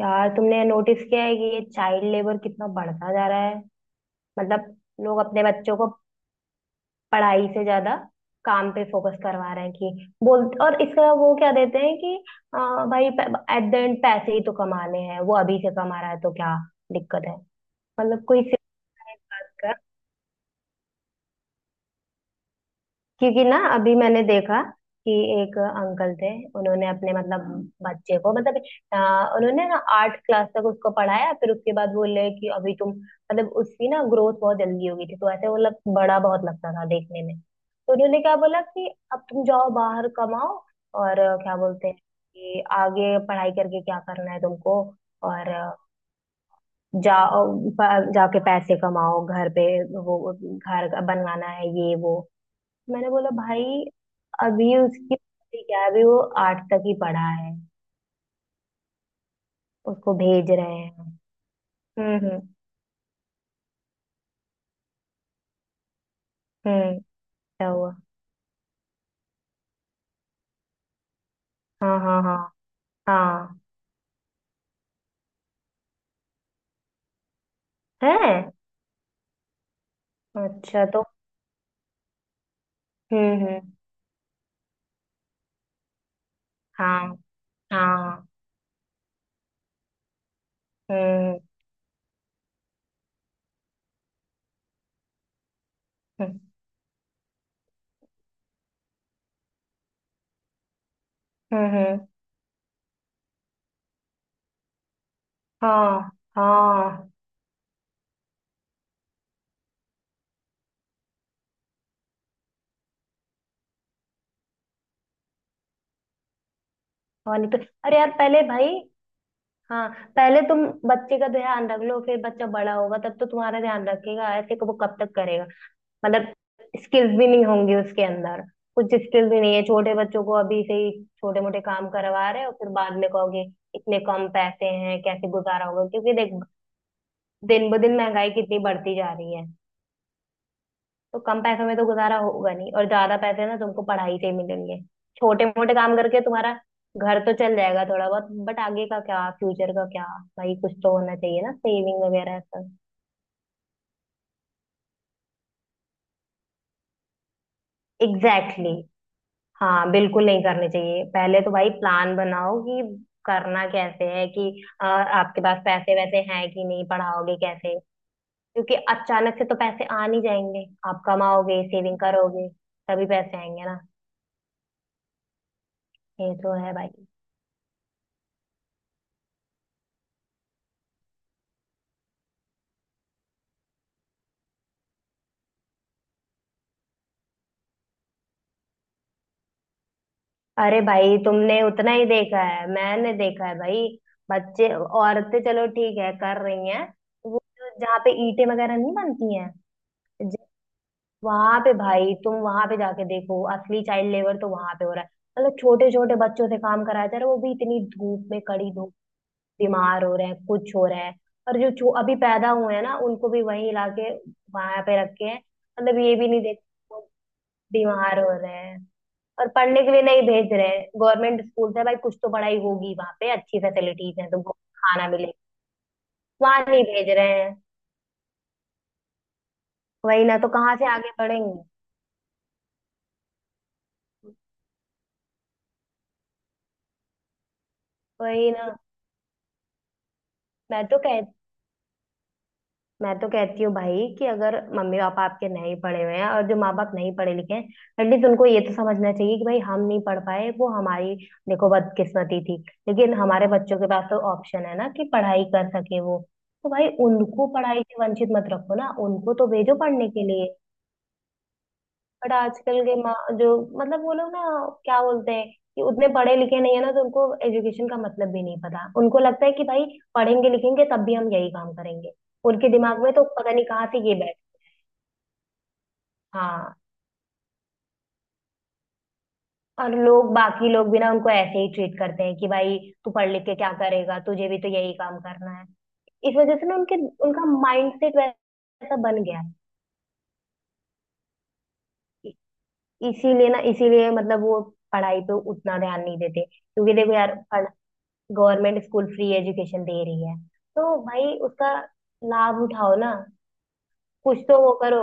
यार, तुमने नोटिस किया है कि ये चाइल्ड लेबर कितना बढ़ता जा रहा है। मतलब लोग अपने बच्चों को पढ़ाई से ज्यादा काम पे फोकस करवा रहे हैं। कि बोल, और इसका वो क्या देते हैं कि भाई एट द एंड पैसे ही तो कमाने हैं, वो अभी से कमा रहा है तो क्या दिक्कत है। मतलब कोई से। क्योंकि ना अभी मैंने देखा कि एक अंकल थे, उन्होंने अपने मतलब बच्चे को, मतलब उन्होंने ना आठ क्लास तक उसको पढ़ाया, फिर उसके बाद बोले कि अभी तुम, मतलब उसकी ना ग्रोथ बहुत जल्दी हो गई थी, तो ऐसे वो लग बड़ा बहुत लगता था देखने में, तो उन्होंने क्या बोला कि अब तुम जाओ बाहर कमाओ। और क्या बोलते हैं, कि आगे पढ़ाई करके क्या करना है तुमको। और जाओ, जाके पैसे कमाओ घर पे, वो घर बनवाना है, ये वो। मैंने बोला, भाई अभी उसकी उम्र क्या है, अभी वो आठ तक ही पढ़ा है, उसको भेज रहे हैं। हम्म, हम्म, हम्म। क्या हुआ? हाँ, हाँ, हाँ, हाँ। है। अच्छा तो। हम्म, हम्म। हाँ, हाँ। हम्म, हम्म, हम्म, हम्म। हाँ, हाँ। और नहीं तो। अरे यार पहले भाई। हाँ। पहले तुम बच्चे का ध्यान रख लो, फिर बच्चा बड़ा होगा तब तो तुम्हारा ध्यान रखेगा, ऐसे को वो कब तक। मतलब स्किल्स भी नहीं होंगी उसके अंदर। कुछ स्किल भी नहीं है, छोटे बच्चों को अभी से ही छोटे मोटे काम करवा रहे हो, फिर बाद में कहोगे इतने कम पैसे हैं, कैसे गुजारा होगा। क्योंकि देख, दिन ब दिन महंगाई कितनी बढ़ती जा रही है। तो कम पैसों में तो गुजारा होगा नहीं, और ज्यादा पैसे ना तुमको पढ़ाई से ही मिलेंगे। छोटे मोटे काम करके तुम्हारा घर तो चल जाएगा थोड़ा बहुत, बट आगे का क्या, फ्यूचर का क्या? भाई कुछ तो होना चाहिए ना, सेविंग वगैरह सब। एग्जैक्टली। हाँ बिल्कुल नहीं करनी चाहिए, पहले तो भाई प्लान बनाओ कि करना कैसे है, कि आपके पास पैसे वैसे हैं कि नहीं, पढ़ाओगे कैसे। क्योंकि अचानक से तो पैसे आ नहीं जाएंगे, आप कमाओगे, सेविंग करोगे, तभी पैसे आएंगे ना। ये तो है भाई। अरे भाई तुमने उतना ही देखा है, मैंने देखा है भाई। बच्चे, औरतें चलो ठीक है कर रही हैं, वो जो जहाँ पे ईंटें वगैरह नहीं बनती हैं, वहां पे भाई तुम वहां पे जाके देखो, असली चाइल्ड लेबर तो वहां पे हो रहा है। मतलब छोटे छोटे बच्चों से काम कराया जा रहा है, वो भी इतनी धूप में, कड़ी धूप। बीमार हो रहे हैं, कुछ हो रहे हैं। और जो छो अभी पैदा हुए हैं ना, उनको भी वहीं लाके वहां पे रखे हैं। मतलब ये भी नहीं देखते वो बीमार हो रहे हैं। और पढ़ने के लिए नहीं भेज रहे हैं। गवर्नमेंट स्कूल से भाई कुछ तो पढ़ाई होगी, वहां पे अच्छी फैसिलिटीज है तुमको, खाना मिले, वहां नहीं भेज रहे हैं। वही ना, तो कहाँ से आगे बढ़ेंगे। वही ना। मैं तो कह मैं तो कहती हूँ भाई कि अगर मम्मी पापा आपके नहीं पढ़े हुए हैं, और जो माँ बाप नहीं पढ़े लिखे हैं, एटलीस्ट उनको ये तो समझना चाहिए कि भाई हम नहीं पढ़ पाए, वो हमारी, देखो, बदकिस्मती थी। लेकिन हमारे बच्चों के पास तो ऑप्शन है ना कि पढ़ाई कर सके वो, तो भाई उनको पढ़ाई से वंचित मत रखो ना, उनको तो भेजो पढ़ने के लिए। बट आजकल के माँ जो, मतलब वो लोग ना, क्या बोलते हैं, कि उतने पढ़े लिखे नहीं है ना, तो उनको एजुकेशन का मतलब भी नहीं पता। उनको लगता है कि भाई पढ़ेंगे लिखेंगे तब भी हम यही काम करेंगे। उनके दिमाग में तो पता नहीं कहाँ से ये। हाँ। और लोग, बाकी लोग भी ना उनको ऐसे ही ट्रीट करते हैं कि भाई तू पढ़ लिख के क्या करेगा, तुझे भी तो यही काम करना है। इस वजह से ना उनके, उनका माइंडसेट वैसा बन गया है। इ- इसीलिए मतलब वो पढ़ाई पे उतना ध्यान नहीं देते। क्योंकि देखो यार, गवर्नमेंट स्कूल फ्री एजुकेशन दे रही है, तो भाई उसका लाभ उठाओ ना, कुछ तो वो करो,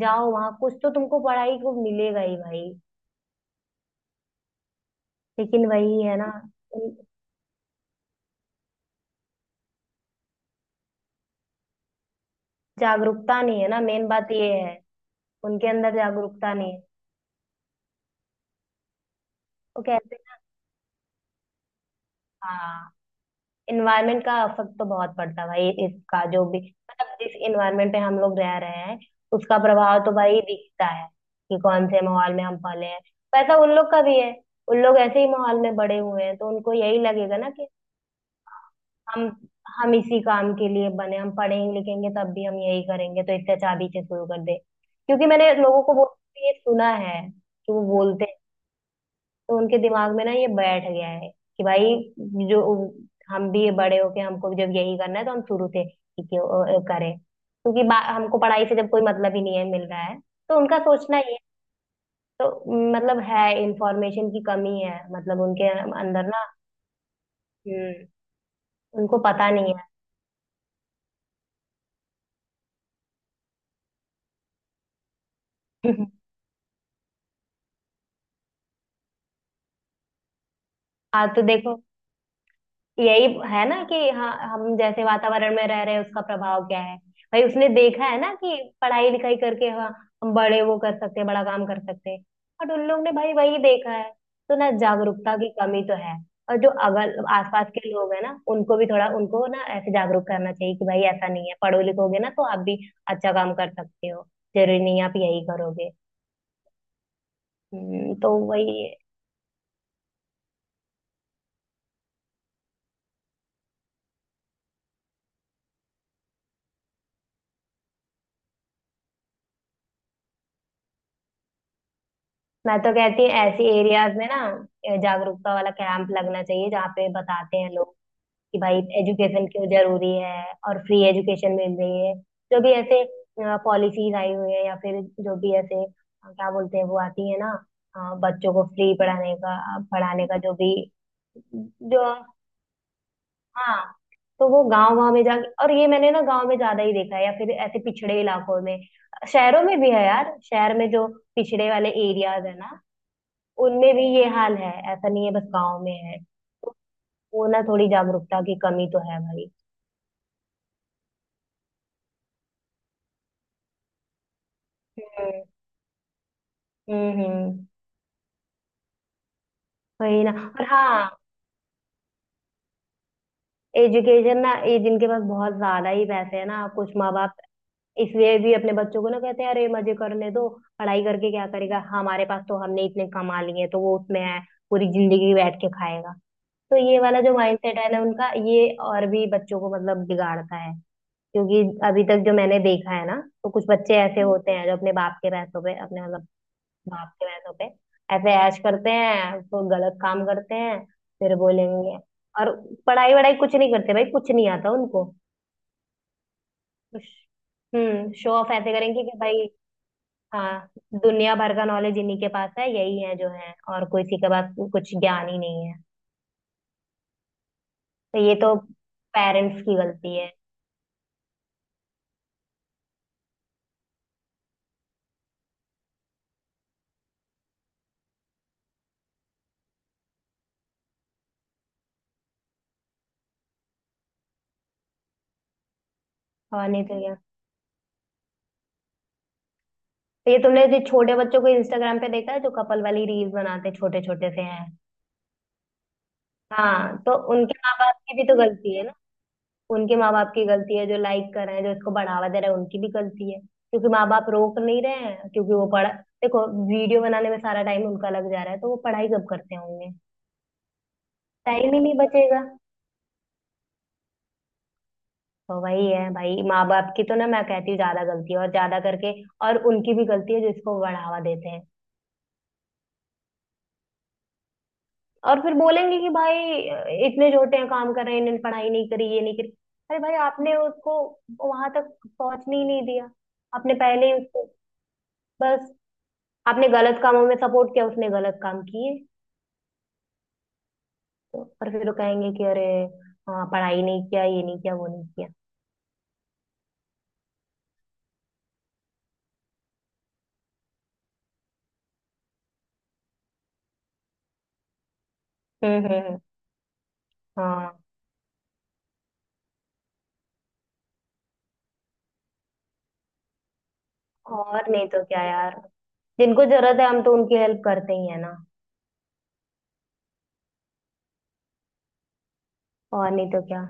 जाओ वहां, कुछ तो तुमको पढ़ाई को मिलेगा ही भाई। लेकिन वही है ना, जागरूकता नहीं है ना, मेन बात ये है। उनके अंदर जागरूकता नहीं है तो कहते हैं। हाँ। इन्वायरमेंट का असर तो बहुत पड़ता है भाई इसका, जो भी मतलब जिस इन्वायरमेंट में हम लोग रह रहे हैं, उसका प्रभाव तो भाई दिखता है कि कौन से माहौल में हम पले हैं। वैसा उन लोग का भी है, उन लोग ऐसे ही माहौल में बड़े हुए हैं तो उनको यही लगेगा ना कि हम हम इसी काम के लिए बने, हम पढ़ेंगे लिखेंगे तब भी हम यही करेंगे, तो इससे अच्छा अभी से शुरू कर दे। क्योंकि मैंने लोगों को बोलते हुए ये सुना है कि वो बोलते, तो उनके दिमाग में ना ये बैठ गया है कि भाई जो हम भी बड़े होके हमको जब यही करना है, तो हम शुरू से ही क्यों करें, क्योंकि हमको पढ़ाई से जब कोई मतलब ही नहीं है मिल रहा है, तो उनका सोचना ये है। तो मतलब है, इंफॉर्मेशन की कमी है मतलब उनके अंदर ना। हम्म। उनको पता नहीं है। हाँ तो देखो, यही है ना कि हाँ हम जैसे वातावरण में रह रहे हैं उसका प्रभाव क्या है। भाई उसने देखा है ना कि पढ़ाई लिखाई करके हाँ हम बड़े वो कर सकते हैं, बड़ा काम कर सकते हैं। बट उन लोग ने भाई वही देखा है, तो ना जागरूकता की कमी तो है। और जो अगल आसपास के लोग हैं ना उनको भी थोड़ा, उनको ना ऐसे जागरूक करना चाहिए कि भाई ऐसा नहीं है, पढ़ो लिखोगे ना तो आप भी अच्छा काम कर सकते हो, जरूरी नहीं आप यही करोगे। तो वही। मैं तो कहती हूँ ऐसी एरियाज में ना जागरूकता वाला कैंप लगना चाहिए, जहाँ पे बताते हैं लोग कि भाई एजुकेशन क्यों जरूरी है और फ्री एजुकेशन मिल रही है। जो भी ऐसे पॉलिसीज आई हुई है, या फिर जो भी ऐसे क्या बोलते हैं वो आती है ना, बच्चों को फ्री पढ़ाने का जो भी, जो, हाँ, तो वो गांव गांव में जाके। और ये मैंने ना गांव में ज्यादा ही देखा है, या फिर ऐसे पिछड़े इलाकों में। शहरों में भी है यार, शहर में जो पिछड़े वाले एरियाज है ना उनमें भी ये हाल है, ऐसा नहीं है बस गांव में है। तो वो ना थोड़ी जागरूकता की कमी तो है भाई। हम्म, हम्म। वही ना। और हाँ, एजुकेशन ना, ये जिनके पास बहुत ज्यादा ही पैसे है ना कुछ माँ बाप, इसलिए भी अपने बच्चों को ना कहते हैं, अरे मजे करने दो, पढ़ाई करके क्या करेगा, हमारे पास तो हमने इतने कमा लिए, तो वो उसमें है, पूरी जिंदगी बैठ के खाएगा। तो ये वाला जो माइंडसेट है ना उनका, ये और भी बच्चों को मतलब बिगाड़ता है। क्योंकि अभी तक जो मैंने देखा है ना, तो कुछ बच्चे ऐसे होते हैं जो अपने बाप के पैसों पे अपने मतलब बाप के भैंसों पे ऐसे ऐश करते हैं, तो गलत काम करते हैं, फिर बोलेंगे। और पढ़ाई वढ़ाई कुछ नहीं करते भाई, कुछ नहीं आता उनको। हम्म। शो ऑफ ऐसे करेंगे कि भाई हाँ दुनिया भर का नॉलेज इन्हीं के पास है, यही है जो है और कोई, किसी के पास कुछ ज्ञान ही नहीं है। तो ये तो पेरेंट्स की गलती है। और नहीं तो क्या। तो ये तुमने जो छोटे बच्चों को इंस्टाग्राम पे देखा है जो कपल वाली रील्स बनाते, छोटे छोटे से हैं, हाँ, तो उनके माँ बाप की भी तो गलती है। उनके माँ बाप की गलती है, जो लाइक कर रहे हैं जो इसको बढ़ावा दे रहे हैं उनकी भी गलती है, क्योंकि माँ बाप रोक नहीं रहे हैं। क्योंकि वो पढ़, देखो, वीडियो बनाने में सारा टाइम उनका लग जा रहा है, तो वो पढ़ाई कब करते होंगे, टाइम ही नहीं बचेगा। तो वही है भाई, माँ बाप की तो ना मैं कहती हूँ ज्यादा गलती है, और ज्यादा करके और उनकी भी गलती है जो इसको बढ़ावा देते हैं। और फिर बोलेंगे कि भाई इतने छोटे हैं काम कर रहे हैं, इन्होंने पढ़ाई नहीं करी, ये नहीं करी। अरे भाई आपने उसको वहां तक पहुंचने ही नहीं दिया, आपने पहले ही उसको, बस, आपने गलत कामों में सपोर्ट किया, उसने गलत काम किए। तो और फिर वो कहेंगे कि अरे हाँ पढ़ाई नहीं किया, ये नहीं किया, वो नहीं किया। हम्म, हम्म, हम्म। हाँ। और नहीं तो क्या यार। जिनको जरूरत है हम तो उनकी हेल्प करते ही है ना। और नहीं तो क्या।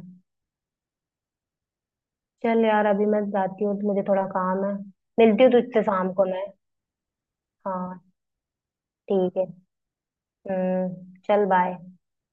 चल यार अभी मैं जाती हूँ, तो मुझे थोड़ा काम है। मिलती हूँ तुझसे शाम को मैं। हाँ। ठीक है। चल बाय।